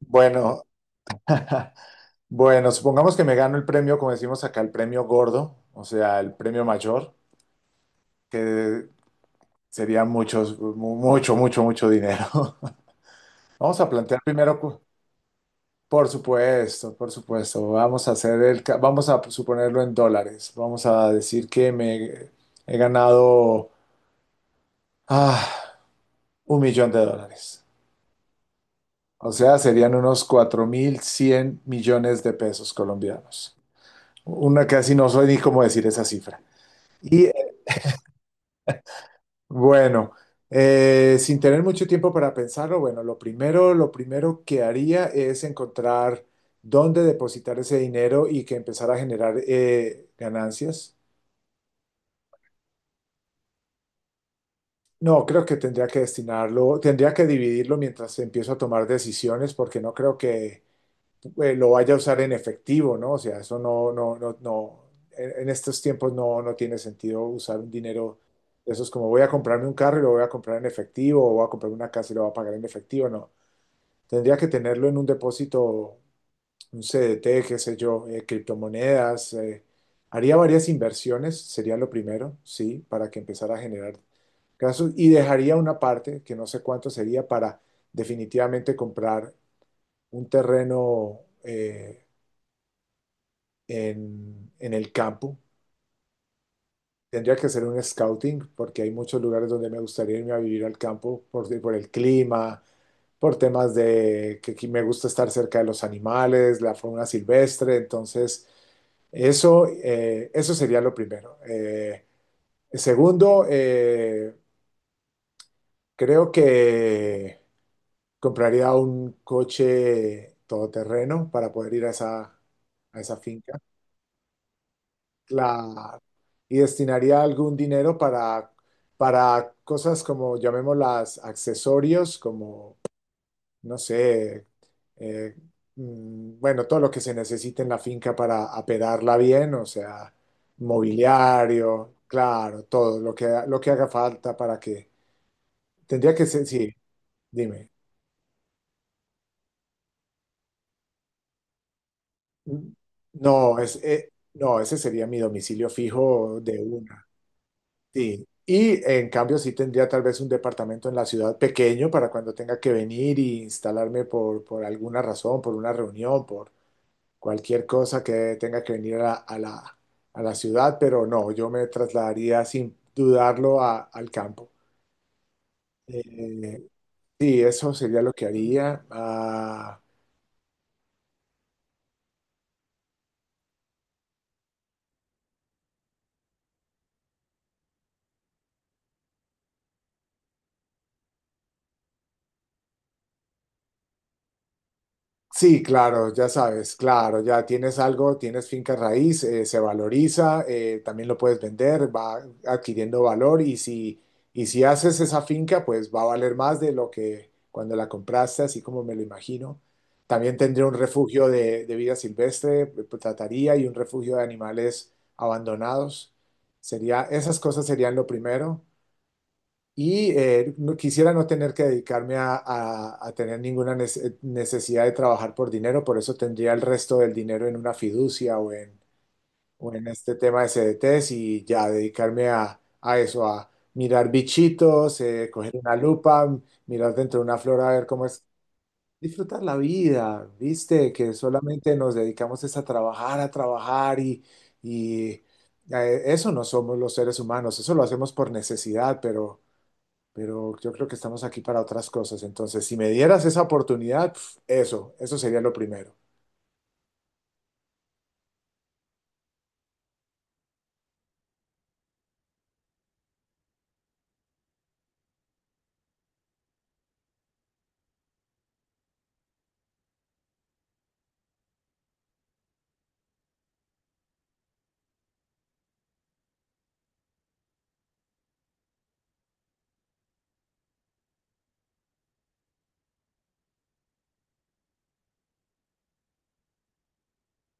Bueno, bueno, supongamos que me gano el premio, como decimos acá, el premio gordo, o sea, el premio mayor, que sería muchos, mucho, mucho, mucho dinero. Vamos a plantear primero, por supuesto, vamos a hacer vamos a suponerlo en dólares. Vamos a decir que me he ganado ah, un millón de dólares. O sea, serían unos 4.100 millones de pesos colombianos. Una casi no soy ni cómo decir esa cifra. Y bueno, sin tener mucho tiempo para pensarlo, bueno, lo primero que haría es encontrar dónde depositar ese dinero y que empezar a generar ganancias. No, creo que tendría que destinarlo, tendría que dividirlo mientras empiezo a tomar decisiones, porque no creo que lo vaya a usar en efectivo, ¿no? O sea, eso no, no, no, no, en estos tiempos no, no tiene sentido usar un dinero. Eso es como voy a comprarme un carro y lo voy a comprar en efectivo, o voy a comprar una casa y lo voy a pagar en efectivo. No, tendría que tenerlo en un depósito, un CDT, qué sé yo, criptomonedas. Haría varias inversiones, sería lo primero, sí, para que empezara a generar casos. Y dejaría una parte, que no sé cuánto sería, para definitivamente comprar un terreno, en el campo. Tendría que hacer un scouting porque hay muchos lugares donde me gustaría irme a vivir al campo por el clima, por temas de que aquí me gusta estar cerca de los animales, la fauna silvestre. Entonces, eso, eso sería lo primero. Segundo, creo que compraría un coche todoterreno para poder ir a esa finca. Claro. Y destinaría algún dinero para cosas como, llamémoslas, accesorios, como, no sé, eh, bueno, todo lo que se necesite en la finca para apedarla bien, o sea, mobiliario, claro, todo lo que haga falta para que... Tendría que ser, sí, dime. No, es, no, ese sería mi domicilio fijo de una. Sí, y en cambio sí tendría tal vez un departamento en la ciudad pequeño para cuando tenga que venir y instalarme por alguna razón, por una reunión, por cualquier cosa que tenga que venir a la, a la, a la ciudad, pero no, yo me trasladaría sin dudarlo al campo. Eh, sí, eso sería lo que haría. Ah, sí, claro, ya sabes, claro, ya tienes algo, tienes finca raíz, se valoriza, también lo puedes vender, va adquiriendo valor y si haces esa finca, pues va a valer más de lo que cuando la compraste, así como me lo imagino. También tendría un refugio de vida silvestre, pues, trataría y un refugio de animales abandonados. Sería, esas cosas serían lo primero. Y quisiera no tener que dedicarme a, a tener ninguna necesidad de trabajar por dinero, por eso tendría el resto del dinero en una fiducia o en este tema de CDTs y ya dedicarme a eso, a mirar bichitos, coger una lupa, mirar dentro de una flor a ver cómo es. Disfrutar la vida, ¿viste? Que solamente nos dedicamos es a trabajar y eso no somos los seres humanos, eso lo hacemos por necesidad, pero yo creo que estamos aquí para otras cosas. Entonces, si me dieras esa oportunidad, pf, eso sería lo primero.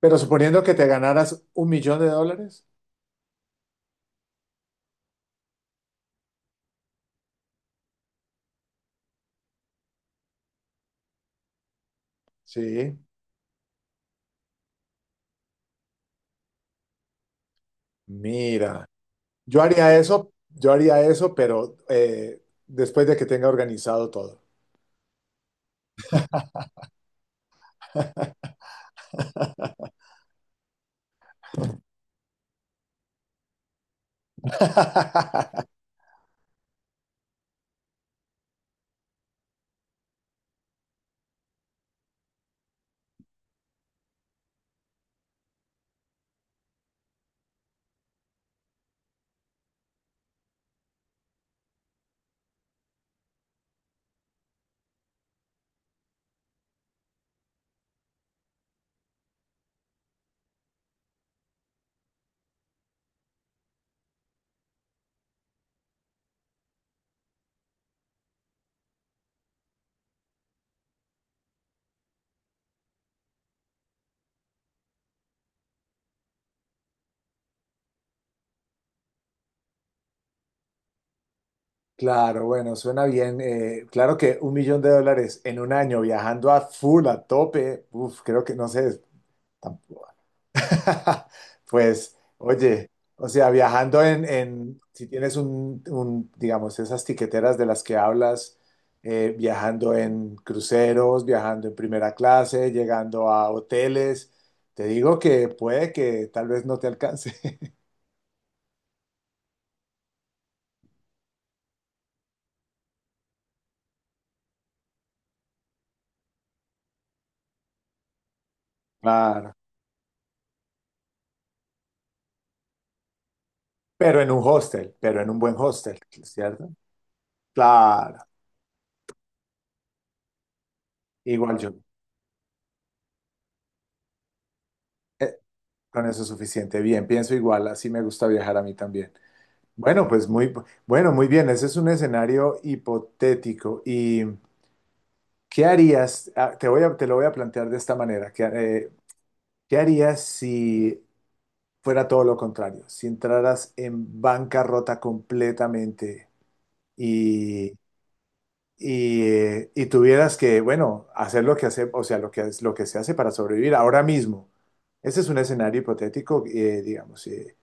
Pero suponiendo que te ganaras un millón de dólares, sí, mira, yo haría eso, pero después de que tenga organizado todo. Claro, bueno, suena bien. Claro que un millón de dólares en un año viajando a full, a tope, uf, creo que no sé, tampoco. Pues, oye, o sea, viajando en, si tienes un, digamos, esas tiqueteras de las que hablas, viajando en cruceros, viajando en primera clase, llegando a hoteles, te digo que puede que tal vez no te alcance. Claro. Pero en un hostel, pero en un buen hostel, ¿cierto? Claro. Igual yo, con eso es suficiente. Bien, pienso igual, así me gusta viajar a mí también. Bueno, pues muy, bueno, muy bien. Ese es un escenario hipotético. ¿Y qué harías? Ah, te voy a, te lo voy a plantear de esta manera. ¿Qué, qué harías si fuera todo lo contrario? Si entraras en bancarrota completamente y, y tuvieras que, bueno, hacer lo que hace, o sea, lo que, lo que se hace para sobrevivir ahora mismo. Ese es un escenario hipotético, digamos,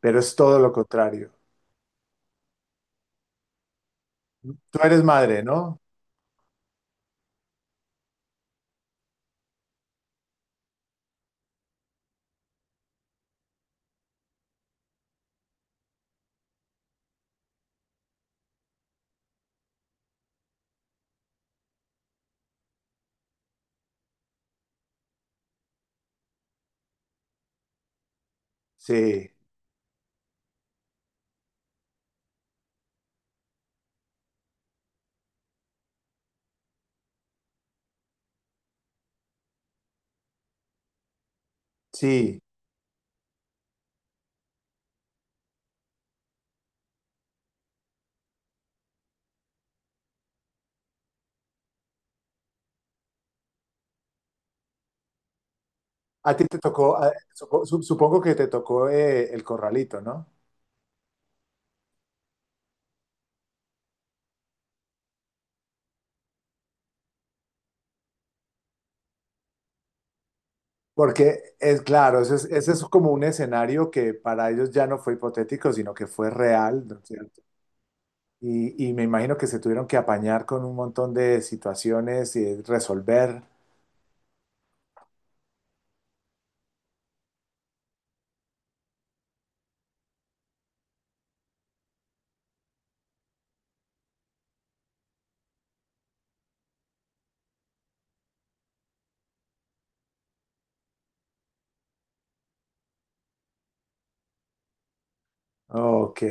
pero es todo lo contrario. Tú eres madre, ¿no? Sí, sí. A ti te tocó, supongo que te tocó el corralito, ¿no? Porque es claro, ese es como un escenario que para ellos ya no fue hipotético, sino que fue real, ¿no es cierto? Y me imagino que se tuvieron que apañar con un montón de situaciones y resolver. Ok.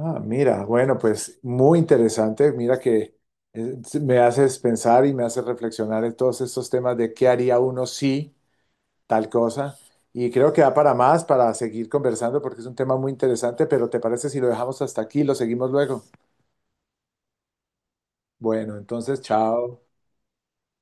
Ah, mira, bueno, pues muy interesante. Mira que me haces pensar y me haces reflexionar en todos estos temas de qué haría uno si. Tal cosa. Y creo que da para más, para seguir conversando, porque es un tema muy interesante, pero ¿te parece si lo dejamos hasta aquí y lo seguimos luego? Bueno, entonces, chao.